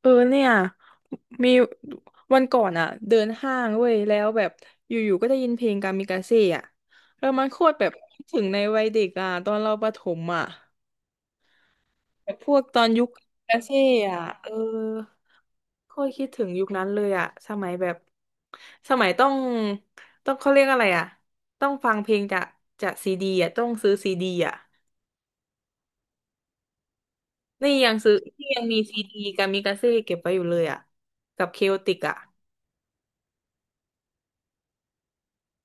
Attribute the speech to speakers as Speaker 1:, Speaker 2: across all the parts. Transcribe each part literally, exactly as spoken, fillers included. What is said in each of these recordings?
Speaker 1: เออเนี่ยมีวันก่อนอะเดินห้างเว้ยแล้วแบบอยู่ๆก็ได้ยินเพลงกามิกาเซ่อะแล้วมันโคตรแบบคิดถึงในวัยเด็กอะตอนเราประถมอะแบบพวกตอนยุคกามิกาเซ่อะเออโคตรคิดถึงยุคนั้นเลยอะสมัยแบบสมัยต้องต้องเขาเรียกอะไรอะต้องฟังเพลงจากจากซีดีอะต้องซื้อซีดีอะนี่ยังซื้อนี่ยังมีซีดีกามิกาเซ่เก็บไว้อยู่เลยอะกับเคโอติกอะ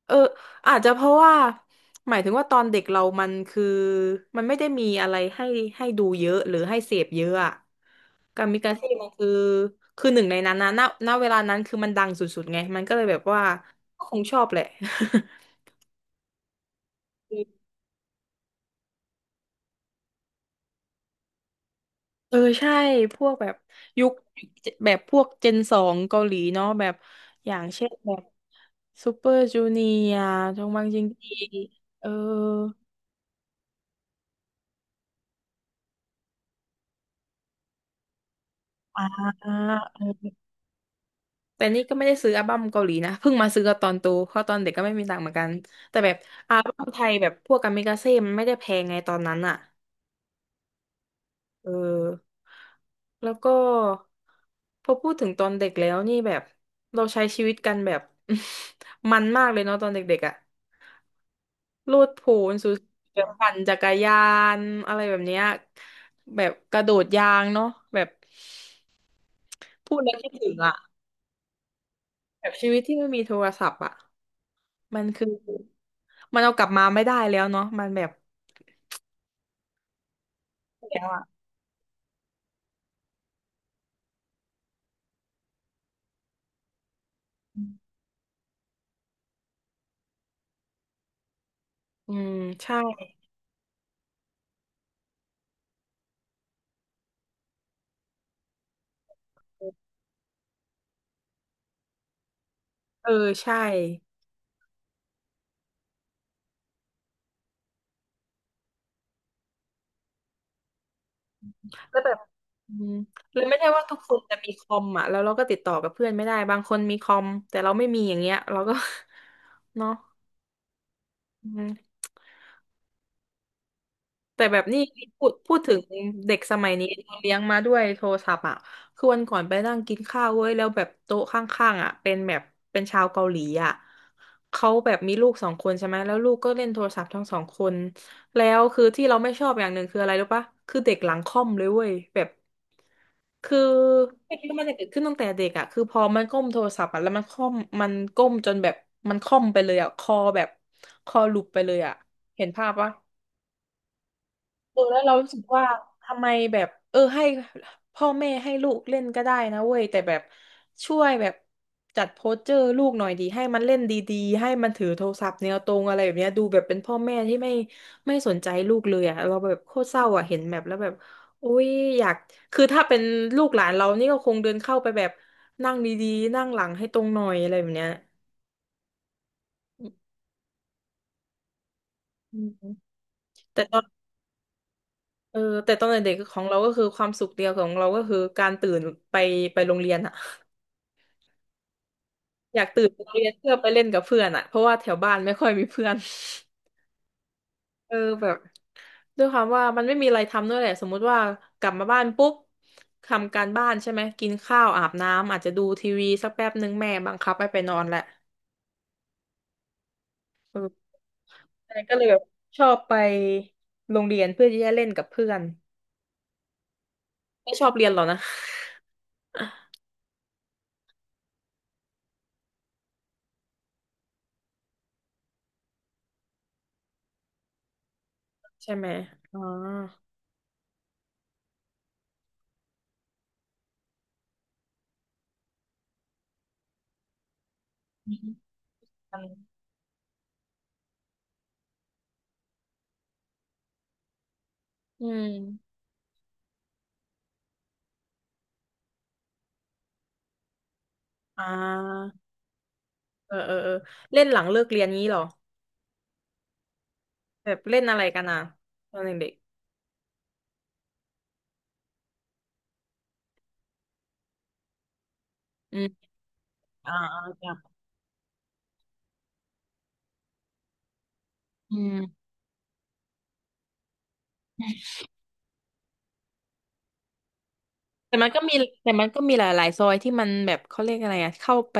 Speaker 1: เอออาจจะเพราะว่าหมายถึงว่าตอนเด็กเรามันคือมันไม่ได้มีอะไรให้ให้ดูเยอะหรือให้เสพเยอะอะกามิกาเซ่มันคือคือหนึ่งในนั้นนะณณเวลานั้นคือมันดังสุดๆไงมันก็เลยแบบว่าก็คงชอบแหละ เออใช่พวกแบบยุคแบบพวกเจนสองเกาหลีเนาะแบบอย่างเช่นแบบซูเปอร์จูเนียร์จงบังจิงกีเอออ่า แต่นี่ก็ไม่ได้ซื้ออัลบั้มเกาหลีนะเพิ่งมาซื้อตอนโตเพราะตอนเด็กก็ไม่มีตังค์เหมือนกันแต่แบบอัลบั้มไทยแบบพวกกามิกาเซ่มันไม่ได้แพงไงตอนนั้นอ่ะเออแล้วก็พอพูดถึงตอนเด็กแล้วนี่แบบเราใช้ชีวิตกันแบบ มันมากเลยเนาะตอนเด็กๆอ่ะโลดโผนสุดแบบปั่นจักรยานอะไรแบบเนี้ยแบบกระโดดยางเนาะแบบพูดแล้วคิดถึงอ่ะแบบชีวิตที่ไม่มีโทรศัพท์อ่ะ มันคือมันเอากลับมาไม่ได้แล้วเนาะมันแบบแล้วอ่ะอืมใช่เออใช่แล้วแบบอืมแล้วไม่ใช่ว่าทุกคนจะมีคอมอ่ะแล้วเราก็ติดต่อกับเพื่อนไม่ได้บางคนมีคอมแต่เราไม่มีอย่างเงี้ยเราก็ เนาะอืม แต่แบบนี่พูดพูดถึงเด็กสมัยนี้เราเลี้ยงมาด้วยโทรศัพท์อ่ะคือวันก่อนไปนั่งกินข้าวเว้ยแล้วแบบโต๊ะข้างๆอ่ะเป็นแบบเป็นชาวเกาหลีอ่ะเขาแบบมีลูกสองคนใช่ไหมแล้วลูกก็เล่นโทรศัพท์ทั้งสองคนแล้วคือที่เราไม่ชอบอย่างหนึ่งคืออะไรรู้ปะคือเด็กหลังค่อมเลยเว้ยแบบคือไม่คิดว่ามันจะเกิดขึ้นตั้งแต่เด็กอ่ะคือพอมันก้มโทรศัพท์อ่ะแล้วมันค่อมมันก้มจนแบบมันค่อมไปเลยอ่ะคอแบบคอหลุบไปเลยอ่ะเห็นภาพปะ เออแล้วเรารู้สึกว่าทำไมแบบเออให้พ่อแม่ให้ลูกเล่นก็ได้นะเว้ยแต่แบบช่วยแบบจัดโพสเจอร์ลูกหน่อยดีให้มันเล่นดีๆให้มันถือโทรศัพท์แนวตรงอะไรแบบเนี้ยดูแบบเป็นพ่อแม่ที่ไม่ไม่สนใจลูกเลยอ่ะเราแบบโคตรเศร้าอ่ะเห็นแบบแล้วแบบโอ้ยอยากคือถ้าเป็นลูกหลานเรานี่ก็คงเดินเข้าไปแบบนั่งดีๆนั่งหลังให้ตรงหน่อยอะไรแบบเนี้ยอืมแต่ตอน เออแต่ตอนเด็กๆของเราก็คือความสุขเดียวของเราก็คือการตื่นไปไปโรงเรียนอะอยากตื่นไปโรงเรียนเพื่อไปเล่นกับเพื่อนอะเพราะว่าแถวบ้านไม่ค่อยมีเพื่อน เออแบบด้วยความว่ามันไม่มีอะไรทำด้วยแหละสมมุติว่ากลับมาบ้านปุ๊บทำการบ้านใช่ไหมกินข้าวอาบน้ำอาจจะดูทีวีสักแป๊บหนึ่งแม่บังคับให้ไปนอนแหละเออแต่ก็เลยแบบชอบไปโรงเรียนเพื่อที่จะเล่นกับเพื่อนไม่ชอบเรียนหรอนะ ใช่ไหมอ๋ออืมอืม อ่าเออเออเออเล่นหลังเลิกเรียนงี้เหรอแบบเล่นอะไรกันอ่ะตอนเด็กๆอืมอ่าอ่าครับอืมแต่มันก็มีแต่มันก็มีหลายๆซอยที่มันแบบเขาเรียกอะไรอ่ะเข้าไป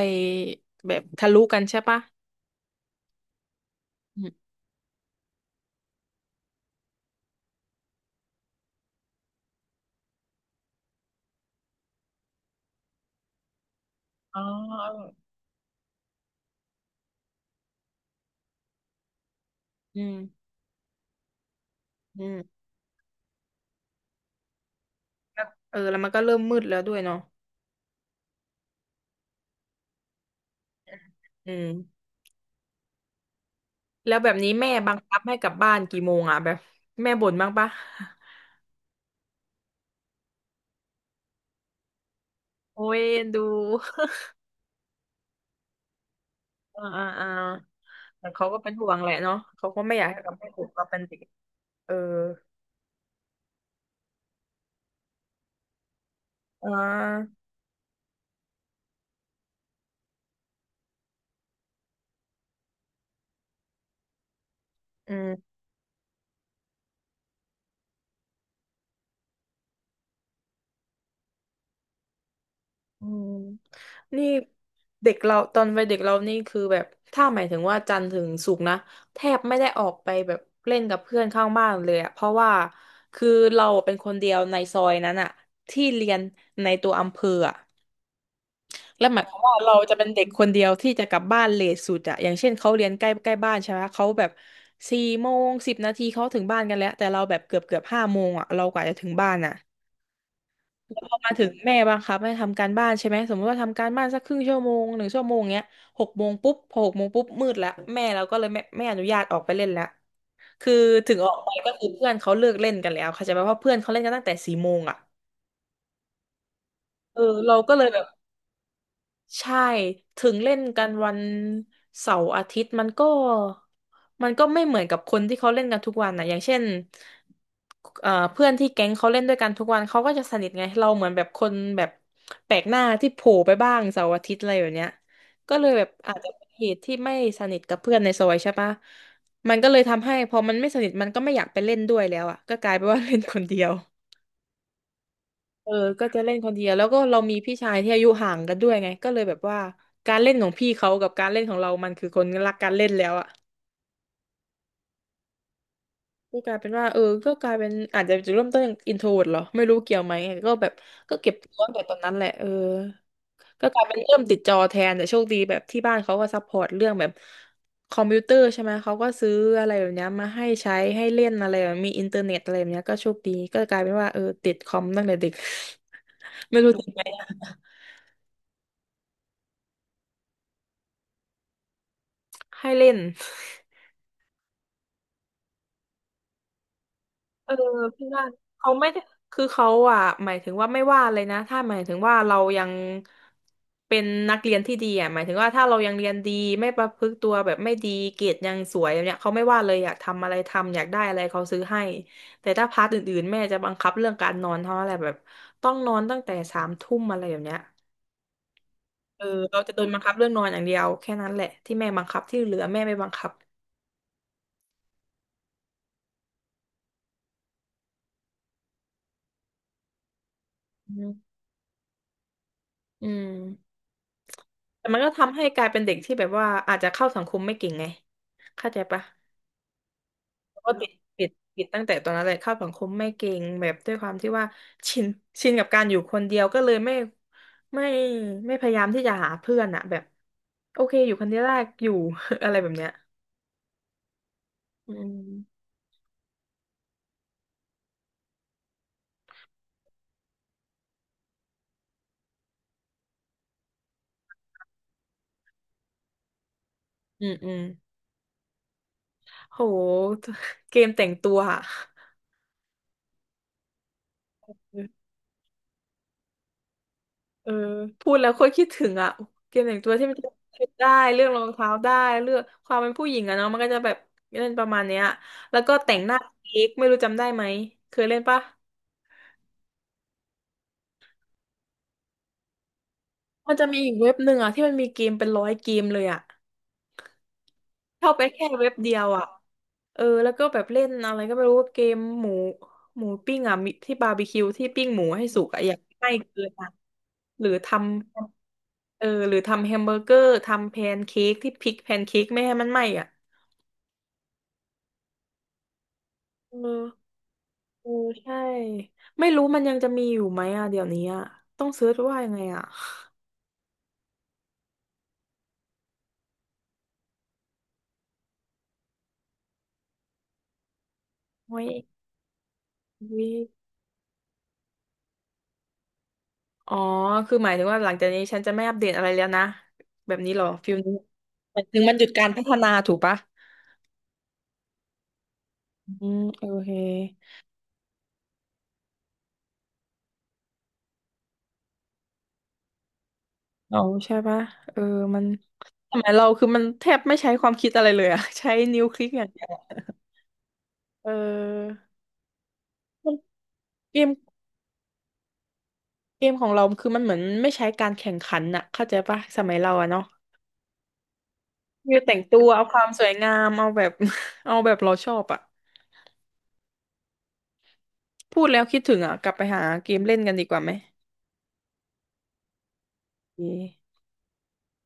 Speaker 1: แบบทะลุกันใช่ปะอืมอ๋ออืมอืมแล้วเออแล้วมันก็เริ่มมืดแล้วด้วยเนาะอืมแล้วแบบนี้แม่บังคับให้กลับบ้านกี่โมงอ่ะแบบแม่บ่นบ้างปะ โอ้ยเอ็นดู อ่าอ่าอ่าแต่เขาก็เป็นห่วงแหละเนาะเขาก็ไม่อยากให้กลับไปถูกกับเป็นเด็ก เอออ่าอืมอืมนี่เด็กเราตอนวัยเด็กเรานี่คือแบบถ้าหมายถึงว่าจันทร์ถึงศุกร์นะแทบไม่ได้ออกไปแบบเล่นกับเพื่อนข้างบ้านเลยอะเพราะว่าคือเราเป็นคนเดียวในซอยนั้นอะที่เรียนในตัวอำเภออะและหมายความว่าเราจะเป็นเด็กคนเดียวที่จะกลับบ้านเลทสุดอะอย่างเช่นเขาเรียนใกล้ใกล้บ้านใช่ไหมเขาแบบสี่โมงสิบนาทีเขาถึงบ้านกันแล้วแต่เราแบบเกือบเกือบห้าโมงอะเรากว่าจะถึงบ้านอะ แล้วพอมาถึงแม่บังคับให้ทำการบ้านใช่ไหมสมมติว่าทำการบ้านสักครึ่งชั่วโมงหนึ่งชั่วโมงเงี้ยหกโมงปุ๊บพอหกโมงปุ๊บมืดแล้วแม่เราก็เลยไม่ไม่อนุญาตออกไปเล่นแล้วคือถึงออกไปก็คือเพื่อนเขาเลิกเล่นกันแล้วเข้าใจไหมเพราะเพื่อนเขาเล่นกันตั้งแต่สี่โมงอ่ะเออเราก็เลยแบบ ใช่ถึงเล่นกันวันเสาร์อาทิตย์มันก็มันก็ไม่เหมือนกับคนที่เขาเล่นกันทุกวันนะอย่างเช่นเอ่อเพื่อนที่แก๊งเขาเล่นด้วยกันทุกวันเขาก็จะสนิทไงเราเหมือนแบบคนแบบแปลกหน้าที่โผล่ไปบ้างเสาร์อาทิตย์อะไรแบบเนี้ยก็เลยแบบอาจจะเป็นเหตุที่ไม่สนิทกับเพื่อนในซอยใช่ปะมันก็เลยทำให้พอมันไม่สนิทมันก็ไม่อยากไปเล่นด้วยแล้วอ่ะก็กลายเป็นว่าเล่นคนเดียว เออก็จะเล่นคนเดียวแล้วก็เรามีพี่ชายที่อายุห่างกันด้วยไงก็เลยแบบว่าการเล่นของพี่เขากับการเล่นของเรา มันคือคนรักการเล่นแล้วอะก็กลายเป็นว่าเออก็กลายเป็นอาจจะจุดเริ่มต้นอินโทรดเหรอไม่รู้เกี่ยวไหมก็แบบก็เก็บตัวตั้งแต่ตอนนั้นแหละเออก็กลายเป็นเริ่มติดจอแทนแต่โชคดีแบบที่บ้านเขาก็ซัพพอร์ตเรื่องแบบคอมพิวเตอร์ใช่ไหมเขาก็ซื้ออะไรแบบเนี้ยมาให้ใช้ให้เล่นอะไรแบบมีอินเทอร์เน็ตอะไรแบบเนี้ยก็โชคดีก็กลายเป็นว่าเออติดคอมตั้งแต่เด็ก ไม่รู้ติดไหม ให้เล่น เออพี่ว่าเขาไม่ได้คือเขาอ่ะหมายถึงว่าไม่ว่าเลยนะถ้าหมายถึงว่าเรายังเป็นนักเรียนที่ดีอ่ะหมายถึงว่าถ้าเรายังเรียนดีไม่ประพฤติตัวแบบไม่ดีเกรดยังสวยแบบเนี้ยเขาไม่ว่าเลยอยากทำอะไรทำอยากได้อะไรเขาซื้อให้แต่ถ้าพาร์ทอื่นๆแม่จะบังคับเรื่องการนอนเท่าอะไรแบบต้องนอนตั้งแต่สามทุ่มอะไรแบบเนี้ยเออเราจะโดนบังคับเรื่องนอนอย่างเดียวแค่นั้นแหละที่แม่บังคับที่เหลือแม่ไม่บังคับอืมอืม แต่มันก็ทำให้กลายเป็นเด็กที่แบบว่าอาจจะเข้าสังคมไม่เก่งไงเข้าใจปะแล้วก็ติดติดติดตั้งแต่ตอนนั้นเลยเข้าสังคมไม่เก่งแบบด้วยความที่ว่าชินชินกับการอยู่คนเดียวก็เลยไม่ไม่ไม่พยายามที่จะหาเพื่อนอะแบบโอเคอยู่คนเดียวได้อยู่ อะไรแบบเนี้ยอืมอืมอืมโหเกมแต่งตัวอะ เออพูดแล้วโคตรคิดถึงอ่ะเกมแต่งตัวที่มันจะคิดได้เรื่องรองเท้าได้เรื่องความเป็นผู้หญิงอะเนาะมันก็จะแบบเล่นประมาณเนี้ยแล้วก็แต่งหน้าเค้กไม่รู้จำได้ไหมเคยเล่นปะมันจะมีอีกเว็บหนึ่งอ่ะที่มันมีเกมเป็นร้อยเกมเลยอ่ะเข้าไปแค่เว็บเดียวอ่ะเออแล้วก็แบบเล่นอะไรก็ไม่รู้เกมหมูหมูปิ้งอ่ะมีที่บาร์บีคิวที่ปิ้งหมูให้สุกอ่ะอยากให้เกินอ่ะหรือทำเออหรือทำแฮมเบอร์เกอร์ทำแพนเค้กที่พลิกแพนเค้กไม่ให้มันไหม้อ่ะ เออเออใช่ไม่รู้มันยังจะมีอยู่ไหมอ่ะเดี๋ยวนี้อ่ะต้องเซิร์ชว่ายังไงอ่ะไว้ยวิอ๋อคือหมายถึงว่าหลังจากนี้ฉันจะไม่อัปเดตอะไรแล้วนะแบบนี้เหรอฟิลนี้หมายถึงมันหยุดการพัฒนาถูกปะอืมโอเคอ๋อใช่ปะเออมันสมัยเราคือมันแทบไม่ใช้ความคิดอะไรเลยอ่ะ ใช้นิ้วคลิกอย่างเดียวอะเออมันเกมเกมของเราคือมันเหมือนไม่ใช้การแข่งขันอ่ะเข้าใจปะสมัยเราอะเนาะ คือแต่งตัวเอาความสวยงามเอาแบบ เอาแบบเราชอบอ่ะพูดแล้วคิดถึงอ่ะกลับไปหาเกมเล่นกันดีกว่าไหมโอเค